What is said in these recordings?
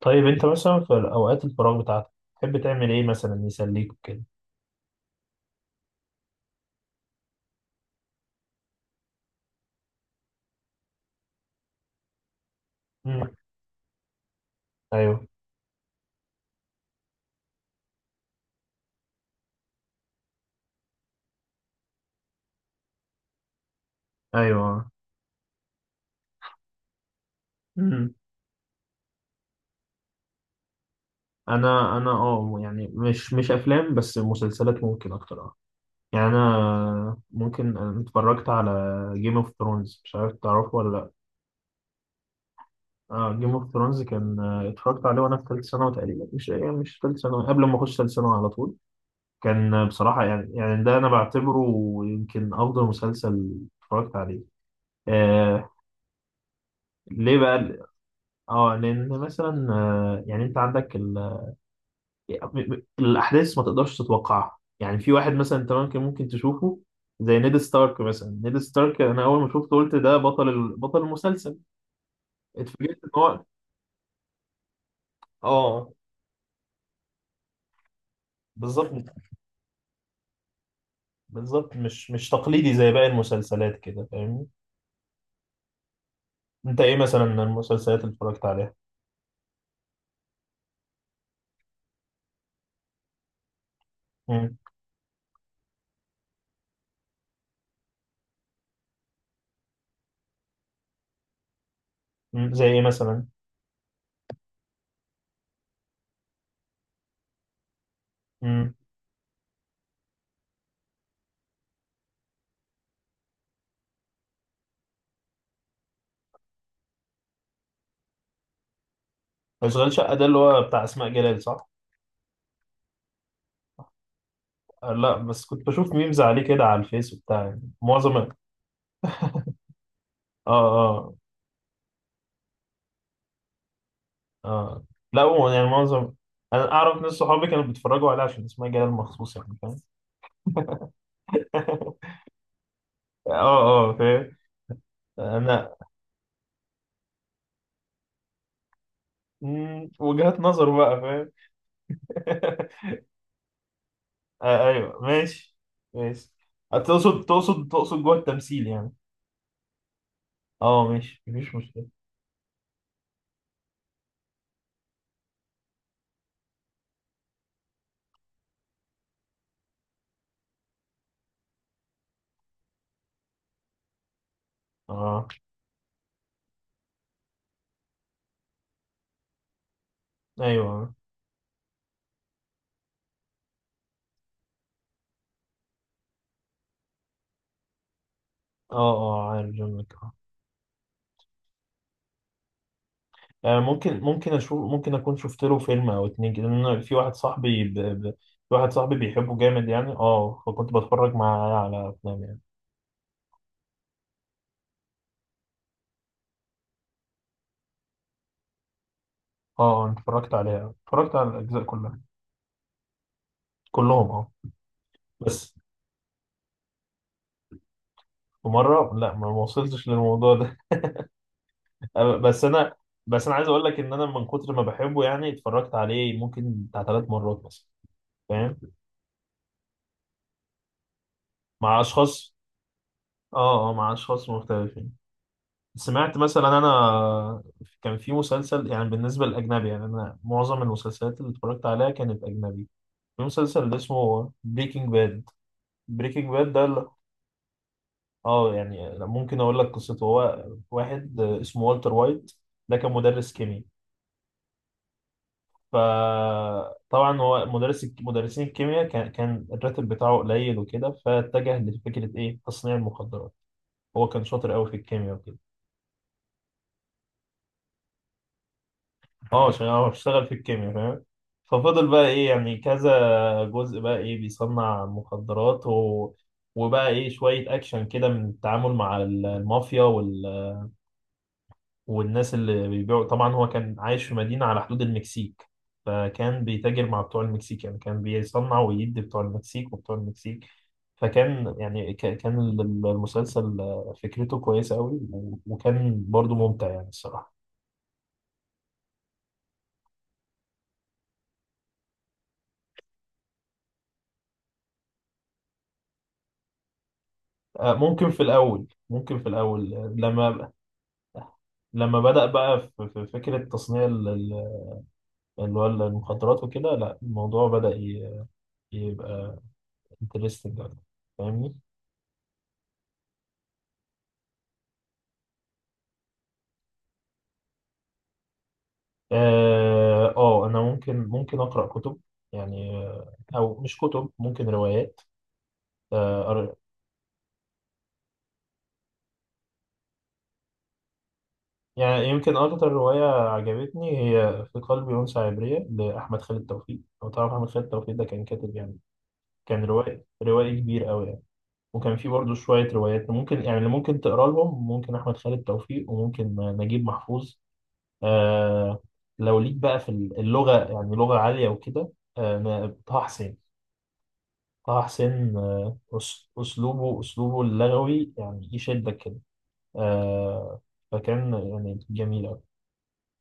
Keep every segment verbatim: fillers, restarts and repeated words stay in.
طيب انت مثلا في اوقات الفراغ بتاعتك تحب تعمل ايه مثلا يسليك وكده؟ امم. ايوه. ايوه. امم. انا انا اه يعني مش مش افلام، بس مسلسلات ممكن اكتر اه يعني انا ممكن أنا اتفرجت على جيم اوف ثرونز. مش عارف تعرفه ولا لا؟ اه، جيم اوف ثرونز كان آه، اتفرجت عليه وانا في ثالث ثانوي تقريبا، مش يعني مش ثالث ثانوي، قبل ما اخش ثالث ثانوي على طول. كان آه، بصراحة، يعني يعني ده انا بعتبره يمكن افضل مسلسل اتفرجت عليه آه ليه بقى؟ اه، لان مثلا آه، يعني انت عندك ال... الاحداث ما تقدرش تتوقعها. يعني في واحد مثلا انت ممكن ممكن تشوفه زي نيد ستارك. مثلا نيد ستارك انا اول ما شفته قلت ده بطل ال... بطل المسلسل. اتفاجئت ان هو اه بالظبط. بالظبط، مش مش تقليدي زي باقي المسلسلات كده، فاهمني؟ انت ايه مثلا من المسلسلات اللي اتفرجت عليها؟ مم. مم. زي ايه مثلا؟ امم. اشغال شقه ده اللي هو بتاع اسماء جلال، صح؟ آه، لا، بس كنت بشوف ميمز عليه كده على الفيس وبتاع، يعني معظم اه اه. اه، لا هو يعني معظم. انا اعرف ناس صحابي كانوا بيتفرجوا عليها عشان اسمها جلال مخصوص، يعني فاهم؟ اه، اه، فاهم. انا. مم، وجهات نظر بقى، فاهم؟ آه، ايوه، ماشي. ماشي. آه، تقصد تقصد تقصد جوه التمثيل يعني؟ اه، ماشي، مفيش مشكلة. اه، ايوه. اه، اه، عارف جون ويك اه آه، ممكن ممكن اشوف، ممكن اكون شفت له فيلم او اتنين كده، لان أنا في واحد صاحبي ب... ب... في واحد صاحبي بيحبه جامد، يعني اه فكنت بتفرج معاه على افلام يعني. اه، أنا اتفرجت عليها، اتفرجت على الاجزاء كلها. كلهم اه بس. في مره، لا، ما ما وصلتش للموضوع ده. أنا- بس انا. بس انا عايز اقول لك ان انا من كتر ما بحبه، يعني اتفرجت عليه ممكن بتاع تلات مرات مثلا. فاهم. مع اشخاص. اه، اه، مع اشخاص مختلفين. سمعت مثلا انا. كان في مسلسل، يعني بالنسبه للاجنبي، يعني انا معظم المسلسلات اللي اتفرجت عليها كانت اجنبي. في مسلسل اللي اسمه بريكنج باد. بريكنج باد ده، اه، يعني ممكن اقول لك قصته. هو واحد اسمه والتر وايت. ده كان مدرس كيمياء. فطبعا هو مدرس، مدرسين الكيمياء كان كان الراتب بتاعه قليل وكده، فاتجه لفكره ايه، تصنيع المخدرات. هو كان شاطر قوي في الكيمياء وكده. اه، عشان هو اشتغل في الكيمياء، فاهم؟ ففضل بقى ايه، يعني كذا جزء بقى ايه بيصنع مخدرات و... وبقى ايه شويه اكشن كده من التعامل مع المافيا والناس اللي بيبيعوا. طبعا هو كان عايش في مدينة على حدود المكسيك، فكان بيتاجر مع بتوع المكسيك، يعني كان بيصنع ويدي بتوع المكسيك وبتوع المكسيك. فكان يعني ك- كان ال- ال- المسلسل فكرته كويسة قوي، و- وكان برضو ممتع يعني الصراحة. آه، ممكن في الأول، ممكن في الأول آه، لما، لما بدأ بقى في في فكرة تصنيع ال- ال- اللي هو المخدرات وكده، لا الموضوع بدأ ي- يبقى انترستنج، فاهمني؟ اه، آه، انا ممكن ممكن اقرا كتب. يعني آه، او مش كتب، ممكن روايات. آه، أر- يعني يمكن اكتر روايه عجبتني هي في قلبي انثى عبريه لاحمد خالد توفيق. لو تعرف، احمد خالد توفيق ده كان كاتب يعني، كان روائي روائي كبير قوي يعني. وكان في برضه شويه روايات ممكن، يعني اللي ممكن تقرا لهم، ممكن احمد خالد توفيق، وممكن آه، نجيب محفوظ. آه، لو ليك بقى في اللغه، يعني لغه عاليه وكده، آه، طه حسين. طه حسين آه، أس- أسلوبه أسلوبه اللغوي يعني يشدك كده. آه، فكان يعني جميل أوي.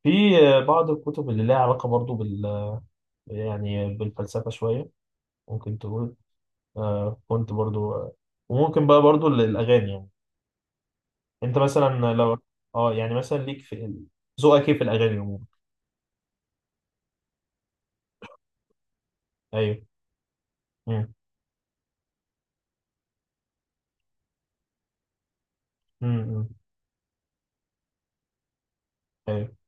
في آه، بعض الكتب اللي لها علاقة برضو بال، يعني بالفلسفة شوية، ممكن تقول. آه، كنت برضو آه، وممكن بقى برضو ال- الأغاني يعني. أنت مثلا، لو، اه يعني مثلا ليك في، ذوقك إيه في الأغاني عموما؟ أيوه. أمم، أمم، أمم. أيوه.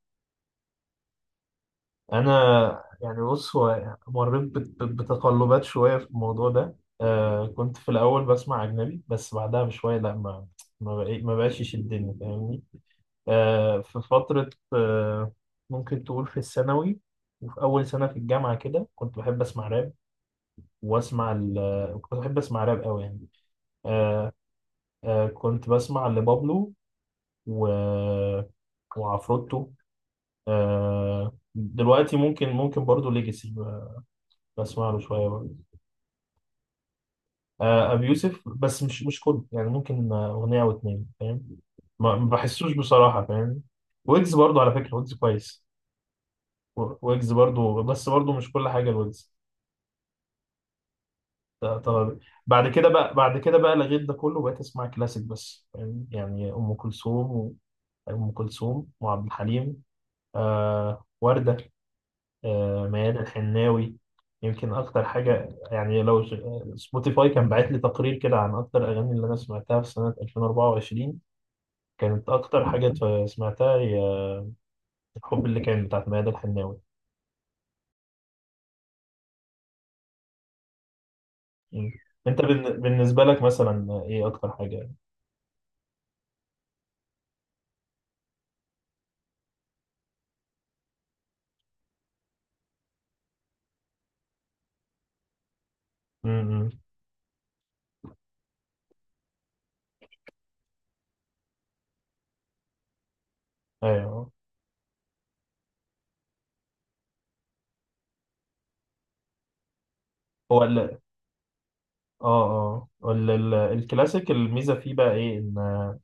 انا يعني بص، هو مريت بت- بت- بتقلبات شويه في الموضوع ده. آه كنت في الاول بسمع اجنبي، بس بعدها بشويه لا، ما ما بقي- ما بقاش يشدني، فاهمني؟ آه في فتره آه ممكن تقول في الثانوي وفي اول سنه في الجامعه كده كنت بحب اسمع راب واسمع ال... كنت بحب اسمع راب قوي يعني. آه آه كنت بسمع لبابلو و... وعفروتو. آه دلوقتي ممكن ممكن برضو ليجاسي، بسمع له شويه برضو. آه، ابي يوسف بس مش مش كله، يعني ممكن آه، اغنيه او اتنين، فاهم؟ ما ما بحسوش بصراحه، فاهم؟ ويجز برضو على فكره، ويجز كويس. و- ويجز برضو، بس برضو مش كل حاجه الويجز. ده طبعا. بعد كده بقى بعد كده بقى لغيت ده كله وبقيت اسمع كلاسيك بس، فاهم؟ يعني ام كلثوم و- ام كلثوم وعبد الحليم، آه ورده، آه ميادة الحناوي. يمكن اكتر حاجه، يعني لو ش- سبوتيفاي كان باعت لي تقرير كده عن اكتر الاغاني اللي انا سمعتها في سنه ألفين وأربعة وعشرين، كانت أكتر حاجة ت- سمعتها هي الحب، اللي كان بتاعت ميادة الحناوي. مم. أنت بالن- بالنسبة لك مثلا إيه أكتر حاجة؟ امم. أيوه. هو ال آه آه ال- ال- الكلاسيك الميزة فيه بقى إيه، إن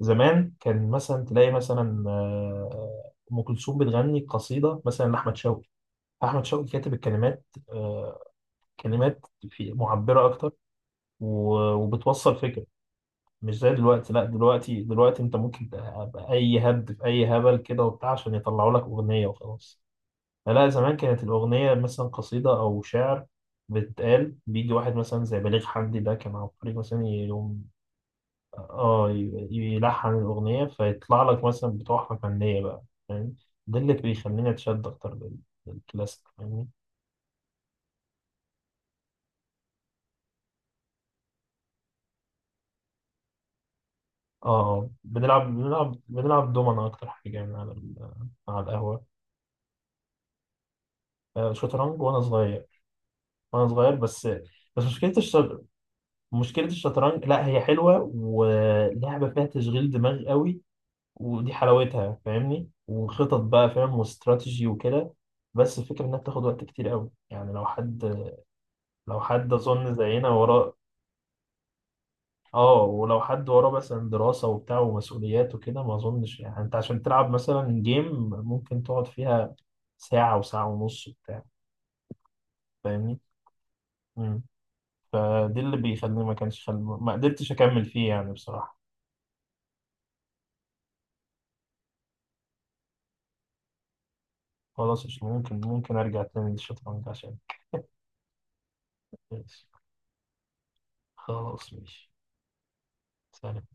زمان كان مثلا تلاقي مثلا آه، أم كلثوم بتغني قصيدة مثلا لأحمد شوقي. أحمد شوقي كاتب الكلمات آه، كلمات في معبرة أكتر، و- وبتوصل فكرة. مش زي دلوقتي، لا، دلوقتي دلوقتي انت ممكن تبقى اي هبد في اي هبل كده وبتاع، عشان يطلعوا لك اغنيه وخلاص. لا، زمان كانت الاغنيه مثلا قصيده او شعر بتقال. بيجي واحد مثلا زي بليغ حمدي، ده كان عبقري مثلا، يقوم اه ي- يلحن الاغنيه، فيطلع لك مثلا بتوع فنيه بقى، فاهم؟ ده اللي بيخليني اتشد اكتر لل- للكلاسيك، فاهمني؟ اه، آه، بنلعب بنلعب بنلعب دومنا اكتر حاجه يعني على ال- على القهوه. آه، شطرنج وانا صغير، وانا صغير بس. بس مشكله الشطر... مشكله الشطرنج، لا هي حلوه، ولعبه فيها تشغيل دماغ قوي، ودي حلاوتها، فاهمني؟ وخطط بقى، فاهم؟ واستراتيجي وكده. بس الفكره انها بتاخد وقت كتير قوي، يعني لو حد لو حد اظن زينا وراه. اه، ولو حد وراه مثلا دراسه وبتاع ومسؤوليات وكده، ما اظنش يعني. انت عشان تلعب مثلا جيم ممكن تقعد فيها ساعه، وساعه ونص وبتاع، فاهمني؟ مم. فدي اللي بيخليني، ما كانش خل... ما قدرتش اكمل فيه يعني بصراحه. خلاص، مش ممكن ممكن أرجع تاني للشطرنج عشان. خلاص، ماشي. سلام.